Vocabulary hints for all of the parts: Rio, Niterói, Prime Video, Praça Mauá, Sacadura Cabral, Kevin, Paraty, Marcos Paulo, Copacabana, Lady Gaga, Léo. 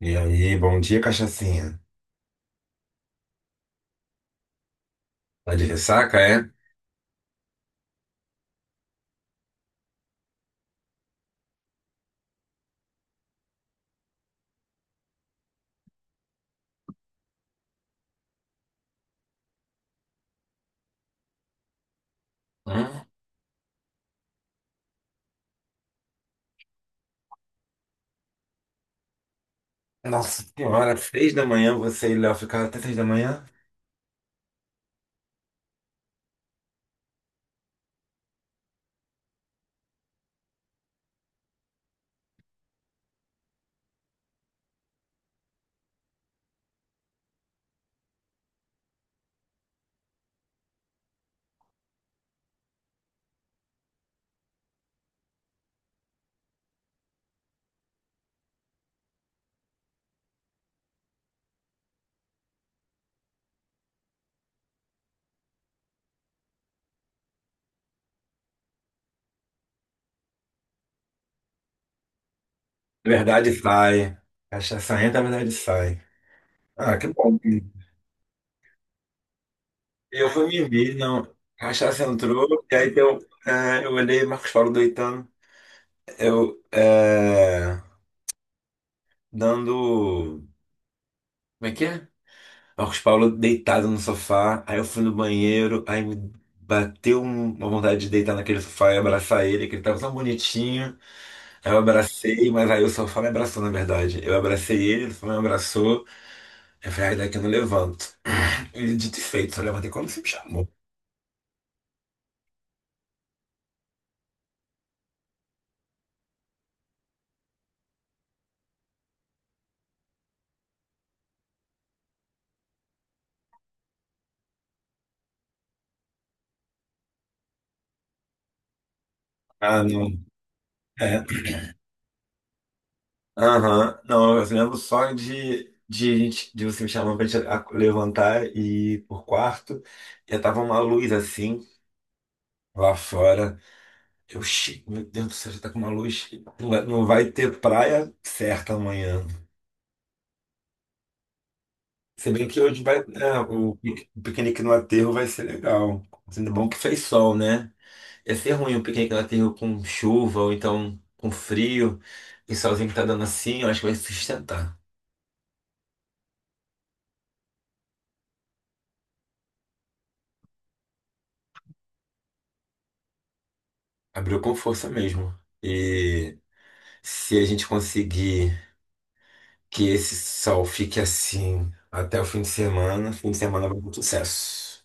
E aí, bom dia, cachacinha. Tá de ressaca, é? Hum? Nossa senhora, 3 da manhã, você e Léo ficaram até 3 da manhã? Verdade sai. Cachaça entra, verdade sai. Ah, que bom. E eu fui me ver, não. Cachaça entrou, e aí eu, é, eu olhei Marcos Paulo deitando. Eu, é, dando. Como é que é? Marcos Paulo deitado no sofá, aí eu fui no banheiro, aí me bateu uma vontade de deitar naquele sofá e abraçar ele, que ele tava tão bonitinho. Aí eu abracei, mas aí o sofá me abraçou, na verdade. Eu abracei ele, ele me abraçou. Eu falei, ai, daqui eu não levanto. E dito e feito, só levantei quando você me chamou. Ah, não. É. Aham. Não, eu lembro só de você me chamar pra gente levantar e ir pro quarto. E tava uma luz assim, lá fora. Eu, "Xi, meu Deus do céu, já tá com uma luz. Não vai, não vai ter praia certa amanhã." Se bem que hoje vai, é, o piquenique no aterro vai ser legal. Sendo bom que fez sol, né? Ia ser ruim um piquenique na terra com chuva ou então com frio. E solzinho que tá dando assim, eu acho que vai sustentar. Abriu com força mesmo. E se a gente conseguir que esse sol fique assim até o fim de semana vai ser um sucesso.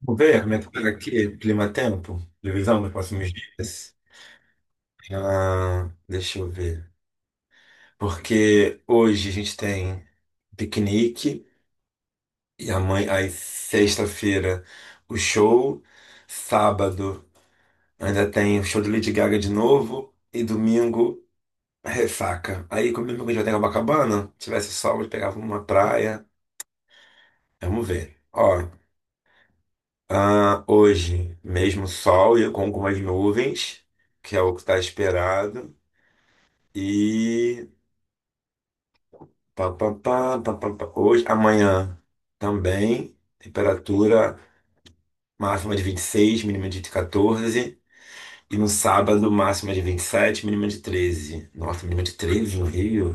Vou ver como é que tá aqui, clima-tempo, previsão dos próximos dias. Ah, deixa eu ver. Porque hoje a gente tem piquenique. E a mãe, aí sexta-feira o show, sábado ainda tem o show de Lady Gaga de novo e domingo ressaca. Aí como domingo a gente vai ter Copacabana, se tivesse sol, a gente pegava uma praia. Vamos ver. Ó, ah, hoje mesmo sol e com algumas nuvens, que é o que está esperado. E pá, pá, pá, pá, pá, pá. Hoje, amanhã também, temperatura máxima de 26, mínima de 14. E no sábado, máxima de 27, mínima de 13. Nossa, mínima de 13 no Rio?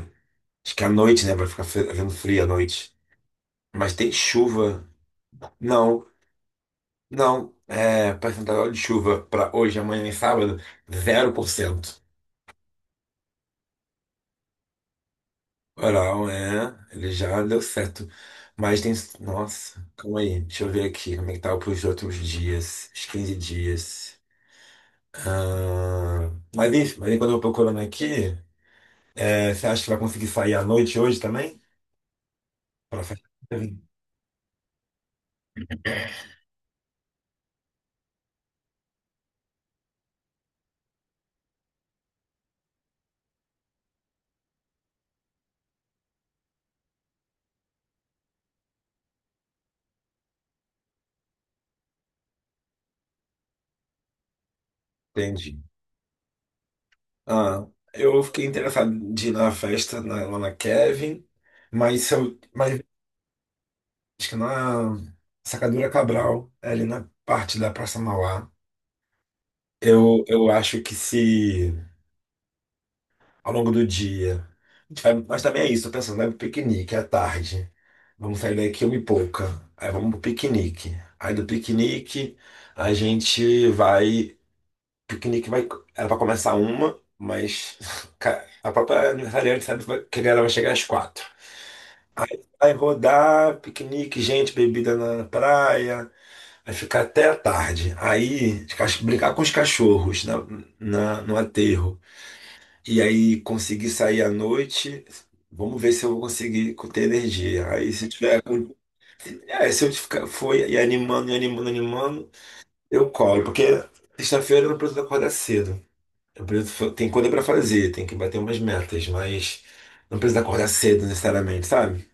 Acho que é à noite, né? Vai ficar havendo frio à noite. Mas tem chuva. Não, não. É, percentual de chuva para hoje, amanhã e sábado, 0%. Oral, é. Ele já deu certo. Mas tem. Nossa, calma aí. Deixa eu ver aqui como é que tá para os outros dias. Os 15 dias. Ah, mas, enfim, mas enquanto eu tô procurando aqui, é, você acha que vai conseguir sair à noite hoje também? Pra festa. Entendi. Ah, eu fiquei interessado de ir na festa lá na Kevin, mas, se eu, mas acho que na Sacadura Cabral, é ali na parte da Praça Mauá, eu acho que se ao longo do dia a gente mas também é isso, tô pensando, vai pro piquenique à tarde. Vamos sair daqui uma e pouca. Aí vamos pro piquenique. Aí do piquenique a gente vai. Piquenique vai, era pra começar uma, mas cara, a própria aniversariante sabe que a galera vai chegar às quatro. Aí vai rodar, piquenique, gente, bebida na praia, vai ficar até a tarde. Aí os brincar com os cachorros na, no aterro. E aí conseguir sair à noite, vamos ver se eu vou conseguir ter energia. Aí se eu tiver com. É, se eu ficar, for e animando, animando, eu colo, porque sexta-feira eu não preciso acordar cedo. Eu preciso tem coisa pra fazer, tem que bater umas metas, mas não precisa acordar cedo necessariamente, sabe?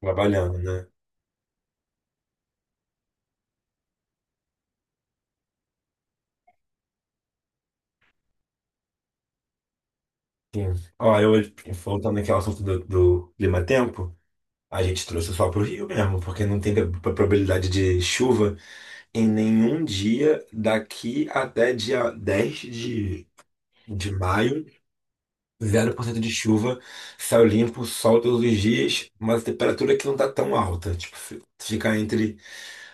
Trabalhando, né? Sim. Ó, eu voltando aqui ao assunto do, do clima-tempo, a gente trouxe só pro Rio mesmo, porque não tem probabilidade de chuva em nenhum dia daqui até dia 10 de maio. 0% de chuva, céu limpo, sol todos os dias, mas temperatura que não tá tão alta. Tipo, fica entre,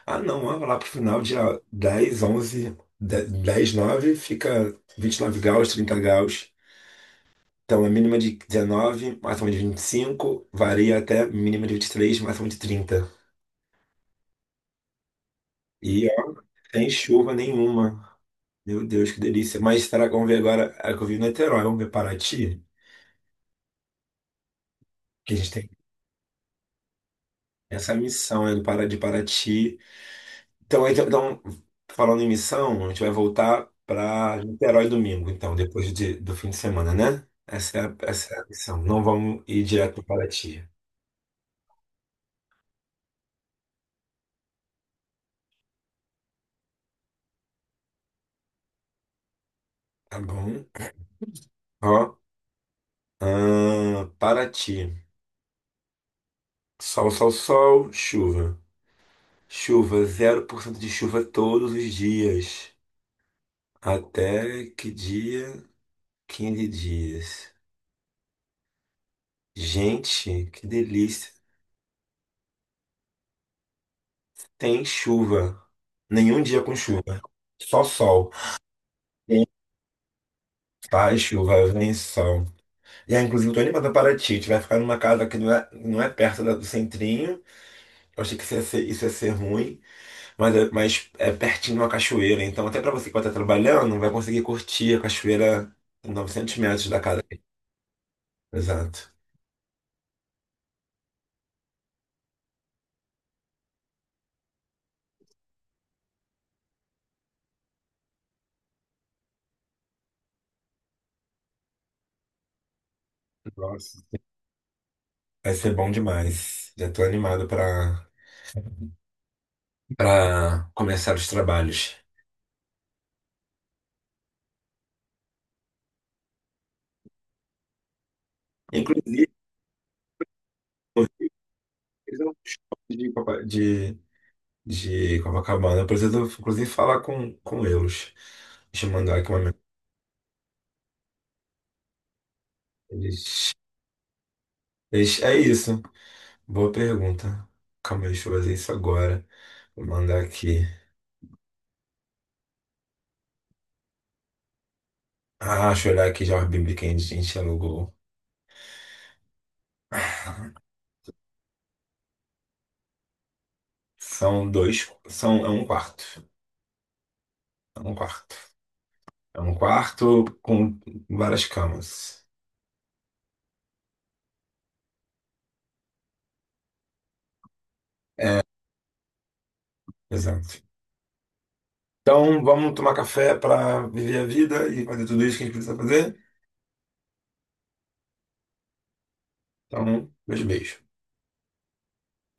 ah, não, ó, lá pro final, dia 10, 11, 10, 9, fica 29 graus, 30 graus. Então, a mínima de 19, máxima de 25, varia até mínima de 23, máxima de 30. E ó, sem chuva nenhuma. Meu Deus, que delícia. Mas será que vamos ver agora? É que eu vi em Niterói, vamos ver Paraty? Que a gente tem essa missão, né, do de Paraty. Então, então, então, falando em missão, a gente vai voltar para Niterói domingo, então, depois do fim de semana, né? Essa é a missão. Não vamos ir direto para Paraty. Tá bom? Ó, Paraty. Sol, sol, sol, chuva. Chuva, 0% de chuva todos os dias. Até que dia? 15 dias. Gente, que delícia. Tem chuva. Nenhum dia com chuva. Só sol. Ai, chuva, vem sol. E aí, inclusive, eu tô animada para ti. A gente vai ficar numa casa que não é, não é perto do centrinho. Eu achei que isso ia ser ruim, mas é pertinho de uma cachoeira. Então, até para você que vai estar trabalhando, vai conseguir curtir a cachoeira a 900 metros da casa. Exato. Nossa. Vai ser bom demais. Já tô animado para para começar os trabalhos. Inclusive, eu preciso de, de Copacabana, eu preciso, inclusive, falar com eles. Deixa eu mandar aqui uma. Ixi, ixi, é isso. Boa pergunta. Calma aí, deixa eu fazer isso agora. Vou mandar aqui. Ah, deixa eu olhar aqui já a Bíblia que a gente alugou. São dois. São, é um quarto. É um quarto. É um quarto com várias camas. Exato. Então, vamos tomar café para viver a vida e fazer tudo isso que a gente precisa fazer? Então, meus beijos.